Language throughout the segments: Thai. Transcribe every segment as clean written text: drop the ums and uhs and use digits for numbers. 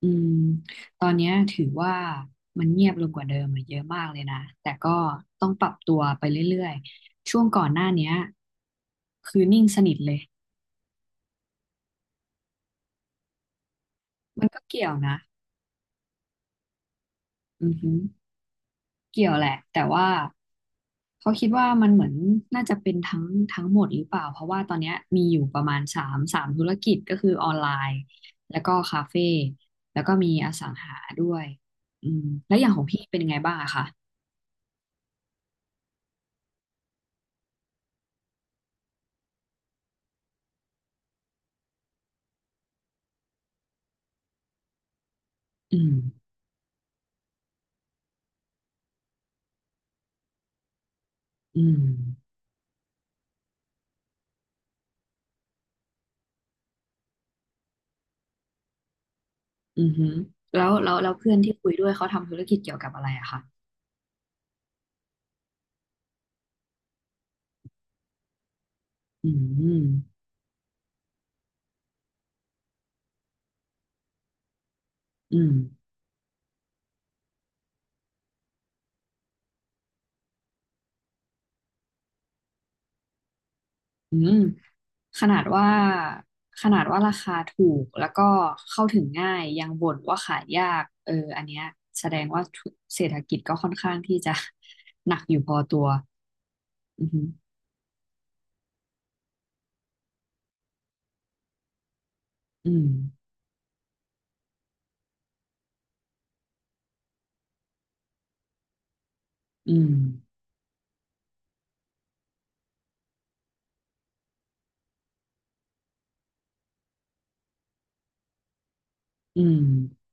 อืมตอนเนี้ยถือว่ามันเงียบลงกว่าเดิมอะเยอะมากเลยนะ แต่ก็ต้องปรับตัวไปเรื่อยๆ ช่วงก่อนหน้าเนี้ยคือนิ่งสนิทเลยมันก็เกี่ยวนะอือหือเกี่ยวแหละ แต่ว่าเขาคิดว่ามันเหมือนน่าจะเป็นทั้งหมดหรือเปล่า เพราะว่าตอนเนี้ยมีอยู่ประมาณสามธุรกิจก็คือออนไลน์แล้วก็คาเฟ่แล้วก็มีอสังหาด้วยอืมแล้วอย่างของพี่เป็นยังไงบ้างอะคะอืมอืม อือหือแล้วเพื่อนที่คุยด้วยเขาทำธุรกิจเกี่ยวกับอะไรอะคะอืม อืมอืมขนาดว่าขนาดว่าราคาถูกแล้วก็เข้าถึงง่ายยังบ่นว่าขายยากเอออันเนี้ยแสดงว่าเศรษฐกิจก็ค่อนข้างที่จะ หนักอยู่พอตัว อือหืออืมอืม อืม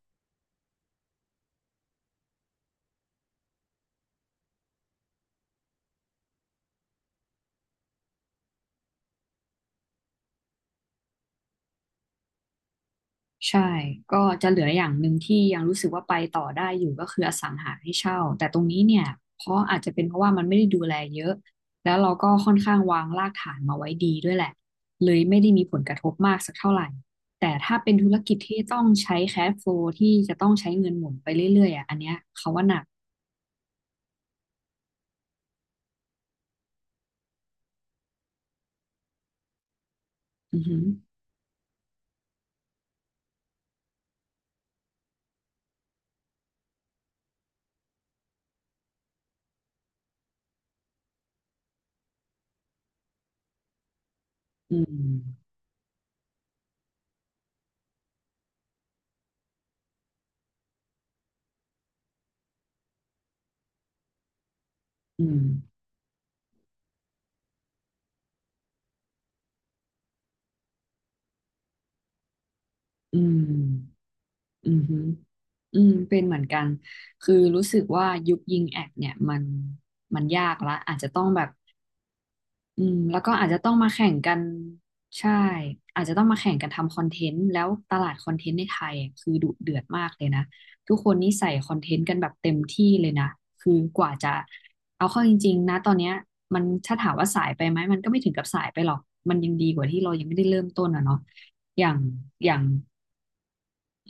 ใช่ ก็จะเหลืออย่างหนึ่งที่ยังรู้สึกว่าไปต่อได้อยู่ก็คืออสังหาให้เช่าแต่ตรงนี้เนี่ยเพราะอาจจะเป็นเพราะว่ามันไม่ได้ดูแลเยอะแล้วเราก็ค่อนข้างวางรากฐานมาไว้ดีด้วยแหละเลยไม่ได้มีผลกระทบมากสักเท่าไหร่แต่ถ้าเป็นธุรกิจที่ต้องใช้แคชโฟลที่จะต้องใช้เงินหมุนไปเรื่อยๆอ่ะอันเนี้ยเขาว่าหนักอือหืออืมอืมอืม อือฮึอืมเป็นเหมือนกันคือรู้สึกว่ายุคยิงแอดเนี่ยมันยากละอาจจะต้องแบบอืมแล้วก็อาจจะต้องมาแข่งกันใช่อาจจะต้องมาแข่งกันทำคอนเทนต์แล้วตลาดคอนเทนต์ในไทยอะคือดุเดือดมากเลยนะทุกคนนี่ใส่คอนเทนต์กันแบบเต็มที่เลยนะคือกว่าจะเอาเข้าจริงๆนะตอนเนี้ยมันถ้าถามว่าสายไปไหมมันก็ไม่ถึงกับสายไปหรอกมันยังดีกว่าที่เรายังไม่ได้เริ่มต้นอะเนาะอย่างอย่าง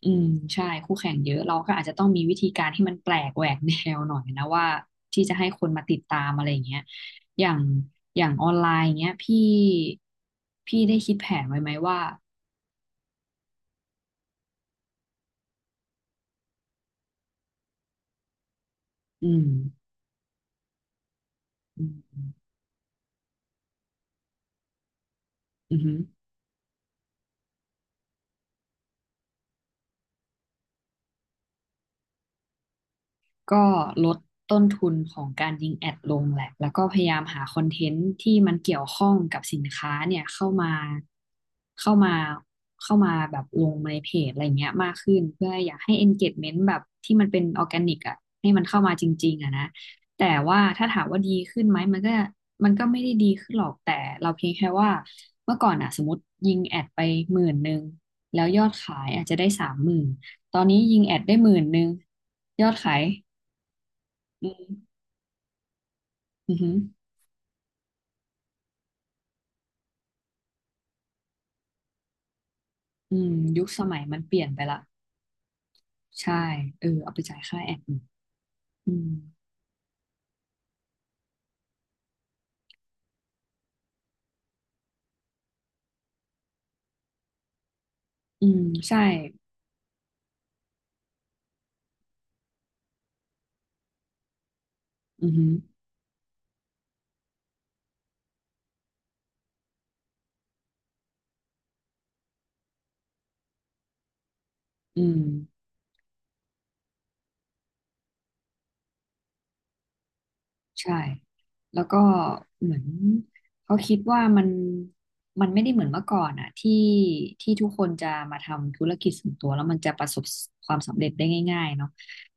อืมใช่คู่แข่งเยอะเราก็อาจจะต้องมีวิธีการที่มันแปลกแหวกแนวหน่อยนะว่าที่จะให้คนมาติดตามอะไรอย่างเงี้ยอย่างอย่างออนไลน์อย่างเงี้ยพี่ได้คิดแผนไว้ไหมว่าอืมอืมอืม ก็ลดต้นทุนของการยิงแอดลงแหละแล้วก็พยายามหาคอนเทนต์ที่มันเกี่ยวข้องกับสินค้าเนี่ยเข้ามาเข้ามาแบบลงในเพจอะไรเงี้ยมากขึ้นเพื่ออยากให้ engagement แบบที่มันเป็นออร์แกนิกอ่ะให้มันเข้ามาจริงๆอ่ะนะแต่ว่าถ้าถามว่าดีขึ้นไหมมันก็ไม่ได้ดีขึ้นหรอกแต่เราเพียงแค่ว่าเมื่อก่อนอ่ะสมมติยิงแอดไปหมื่นหนึ่งแล้วยอดขายอาจจะได้30,000ตอนนี้ยิงแอดได้หมื่นหนึ่งยอดขาย อืมอืมอหืออืมยุคสมัยมันเปลี่ยนไปละใช่เออเอาไปจ่ายค่าแอดมินอืมอืมใช่อือหืออืมใช่แล้วก็เหมือนเขาคิดว่ามันไม่ได้เหมือนเมื่อก่อนอะที่ทุกคนจะมาทำธุรกิจส่วนตัวแล้วมันจะประสบความสำเร็จได้ง่ายๆเนาะ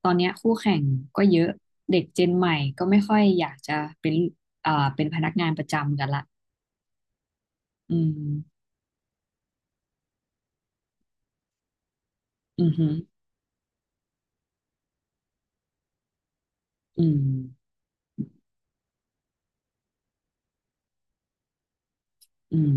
ตอนเนี้ยคู่แข่งก็เยอะเด็กเจนใหม่ก็ไม่ค่อยอยากจะเป็นเป็นพนักงานประจำกันละอืมอือหืออืม อืม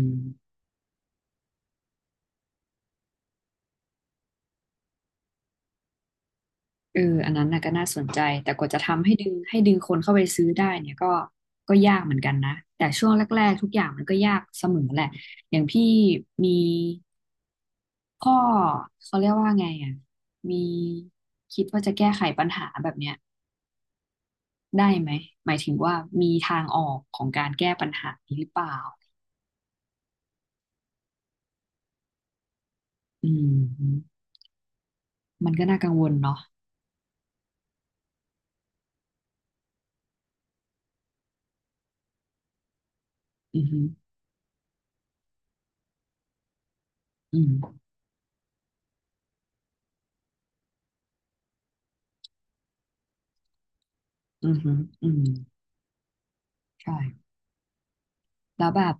เอออันนั้นน่ะก็น่าสนใจแต่กว่าจะทำให้ดึงคนเข้าไปซื้อได้เนี่ยก็ยากเหมือนกันนะแต่ช่วงแรกๆทุกอย่างมันก็ยากเสมอแหละอย่างพี่มีข้อเขาเรียกว่าไงอ่ะมีคิดว่าจะแก้ไขปัญหาแบบเนี้ยได้ไหมหมายถึงว่ามีทางออกของการแก้ปัญหานี้หรือเปล่าอืมมันก็น่ากังวลเนาะอือหืออืมอือหืออืมใช่แล้วแบบ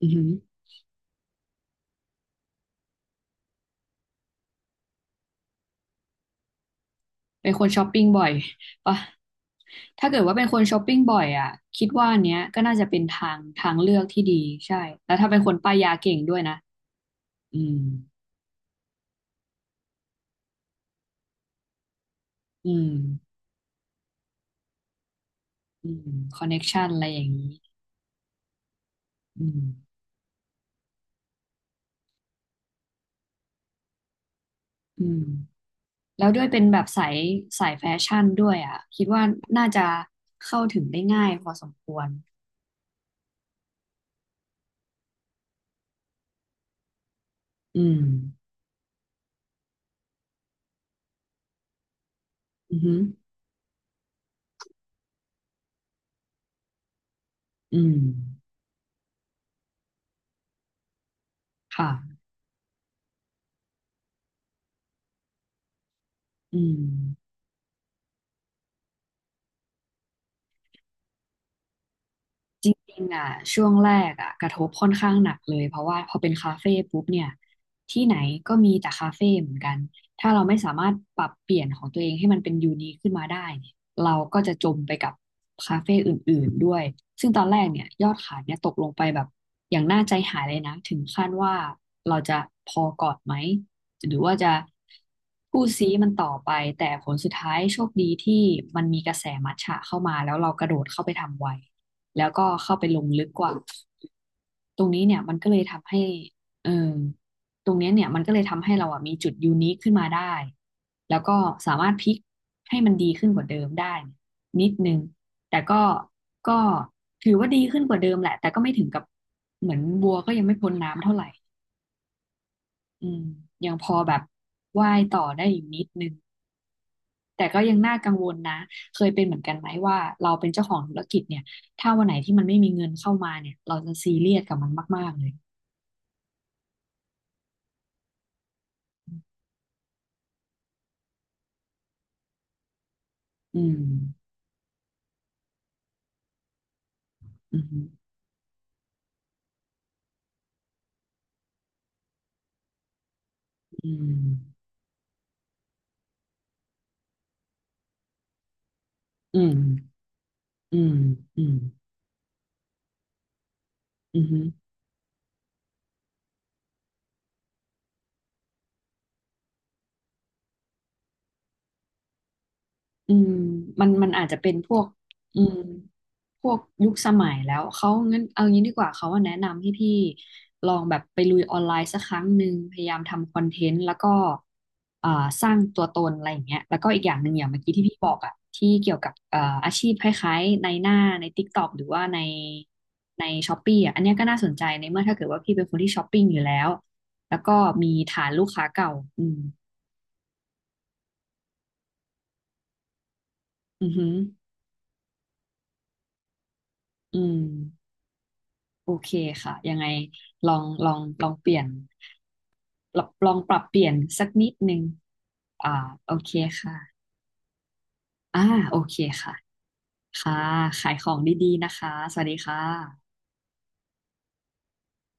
อือหือ เป็นคนช้อปปิ้งบ่อยปะถ้าเกิดว่าเป็นคนช้อปปิ้งบ่อยอ่ะคิดว่าอันเนี้ยก็น่าจะเป็นทางเลือกที่ดีใช่แล้วถ้าเป็นคนป้ายยาเก่งด้วยนะอืมอืมอืมคอนเน็กชันอะไรอย่างนี้อืมอืมแล้วด้วยเป็นแบบสายแฟชั่นด้วยอ่ะคิดว่าน่าจะเข้าถึงได้ง่ายพอสมควร อืม อือฮึอืมค่ะอืม จริงๆอ่ะช่วงแรกอ่ะกระทบค่อนข้างหนักเลยเพราะว่าพอเป็นคาเฟ่ปุ๊บเนี่ยที่ไหนก็มีแต่คาเฟ่เหมือนกัน ถ้าเราไม่สามารถปรับเปลี่ยนของตัวเองให้มันเป็นยูนิคขึ้นมาได้เนี่ยเราก็จะจมไปกับคาเฟ่อื่นๆด้วย ซึ่งตอนแรกเนี่ยยอดขายเนี่ยตกลงไปแบบอย่างน่าใจหายเลยนะถึงขั้นว่าเราจะพอก่อนไหมหรือว่าจะพูดซีมันต่อไปแต่ผลสุดท้ายโชคดีที่มันมีกระแสมัทฉะเข้ามาแล้วเรากระโดดเข้าไปทำไว แล้วก็เข้าไปลงลึกกว่าตรงนี้เนี่ยมันก็เลยทำให้เออตรงเนี้ยเนี่ยมันก็เลยทำให้เราอ่ะมีจุดยูนิคขึ้นมาได้แล้วก็สามารถพลิกให้มันดีขึ้นกว่าเดิมได้นิดนึงแต่ก็ก็ถือว่าดีขึ้นกว่าเดิมแหละแต่ก็ไม่ถึงกับเหมือนบัวก็ยังไม่พ้นน้ำเท่าไหร่อืมยังพอแบบว่ายต่อได้อยู่นิดนึง แต่ก็ยังน่ากังวลนะ เคยเป็นเหมือนกันไหมว่าเราเป็นเจ้าของธุรกิจเนี่ย ถ้าวันไหนที่มันไม่มีเงินเข้ามาเนี่ย เราจะซีเรียสกับมันมากๆเลยอืมอืมอืมอืมอืมอืมอืม อืมมันอาจจะเป็นพวกอืมพวกยุคสมัยแล้วเขางั้นเอางี้ดีกว่าเขาว่าแนะนำให้พี่ลองแบบไปลุยออนไลน์สักครั้งหนึ่งพยายามทำคอนเทนต์แล้วก็อ่าสร้างตัวตนอะไรอย่างเงี้ยแล้วก็อีกอย่างหนึ่งอย่างเมื่อกี้ที่พี่บอกอะที่เกี่ยวกับอาชีพคล้ายๆใน TikTok หรือว่าใน Shopee อะอันเนี้ยก็น่าสนใจในเมื่อถ้าเกิดว่าพี่เป็นคนที่ช้อปปิ้งอยู่แล้วแล้วก็มีฐานลูกค้าเก่าอืมอือหืออืม โอเคค่ะยังไงลองเปลี่ยนลองปรับเปลี่ยนสักนิดนึงอ่าโอเคค่ะอ่าโอเคค่ะค่ะขายของดีๆนะคะสวัสดีค่ะ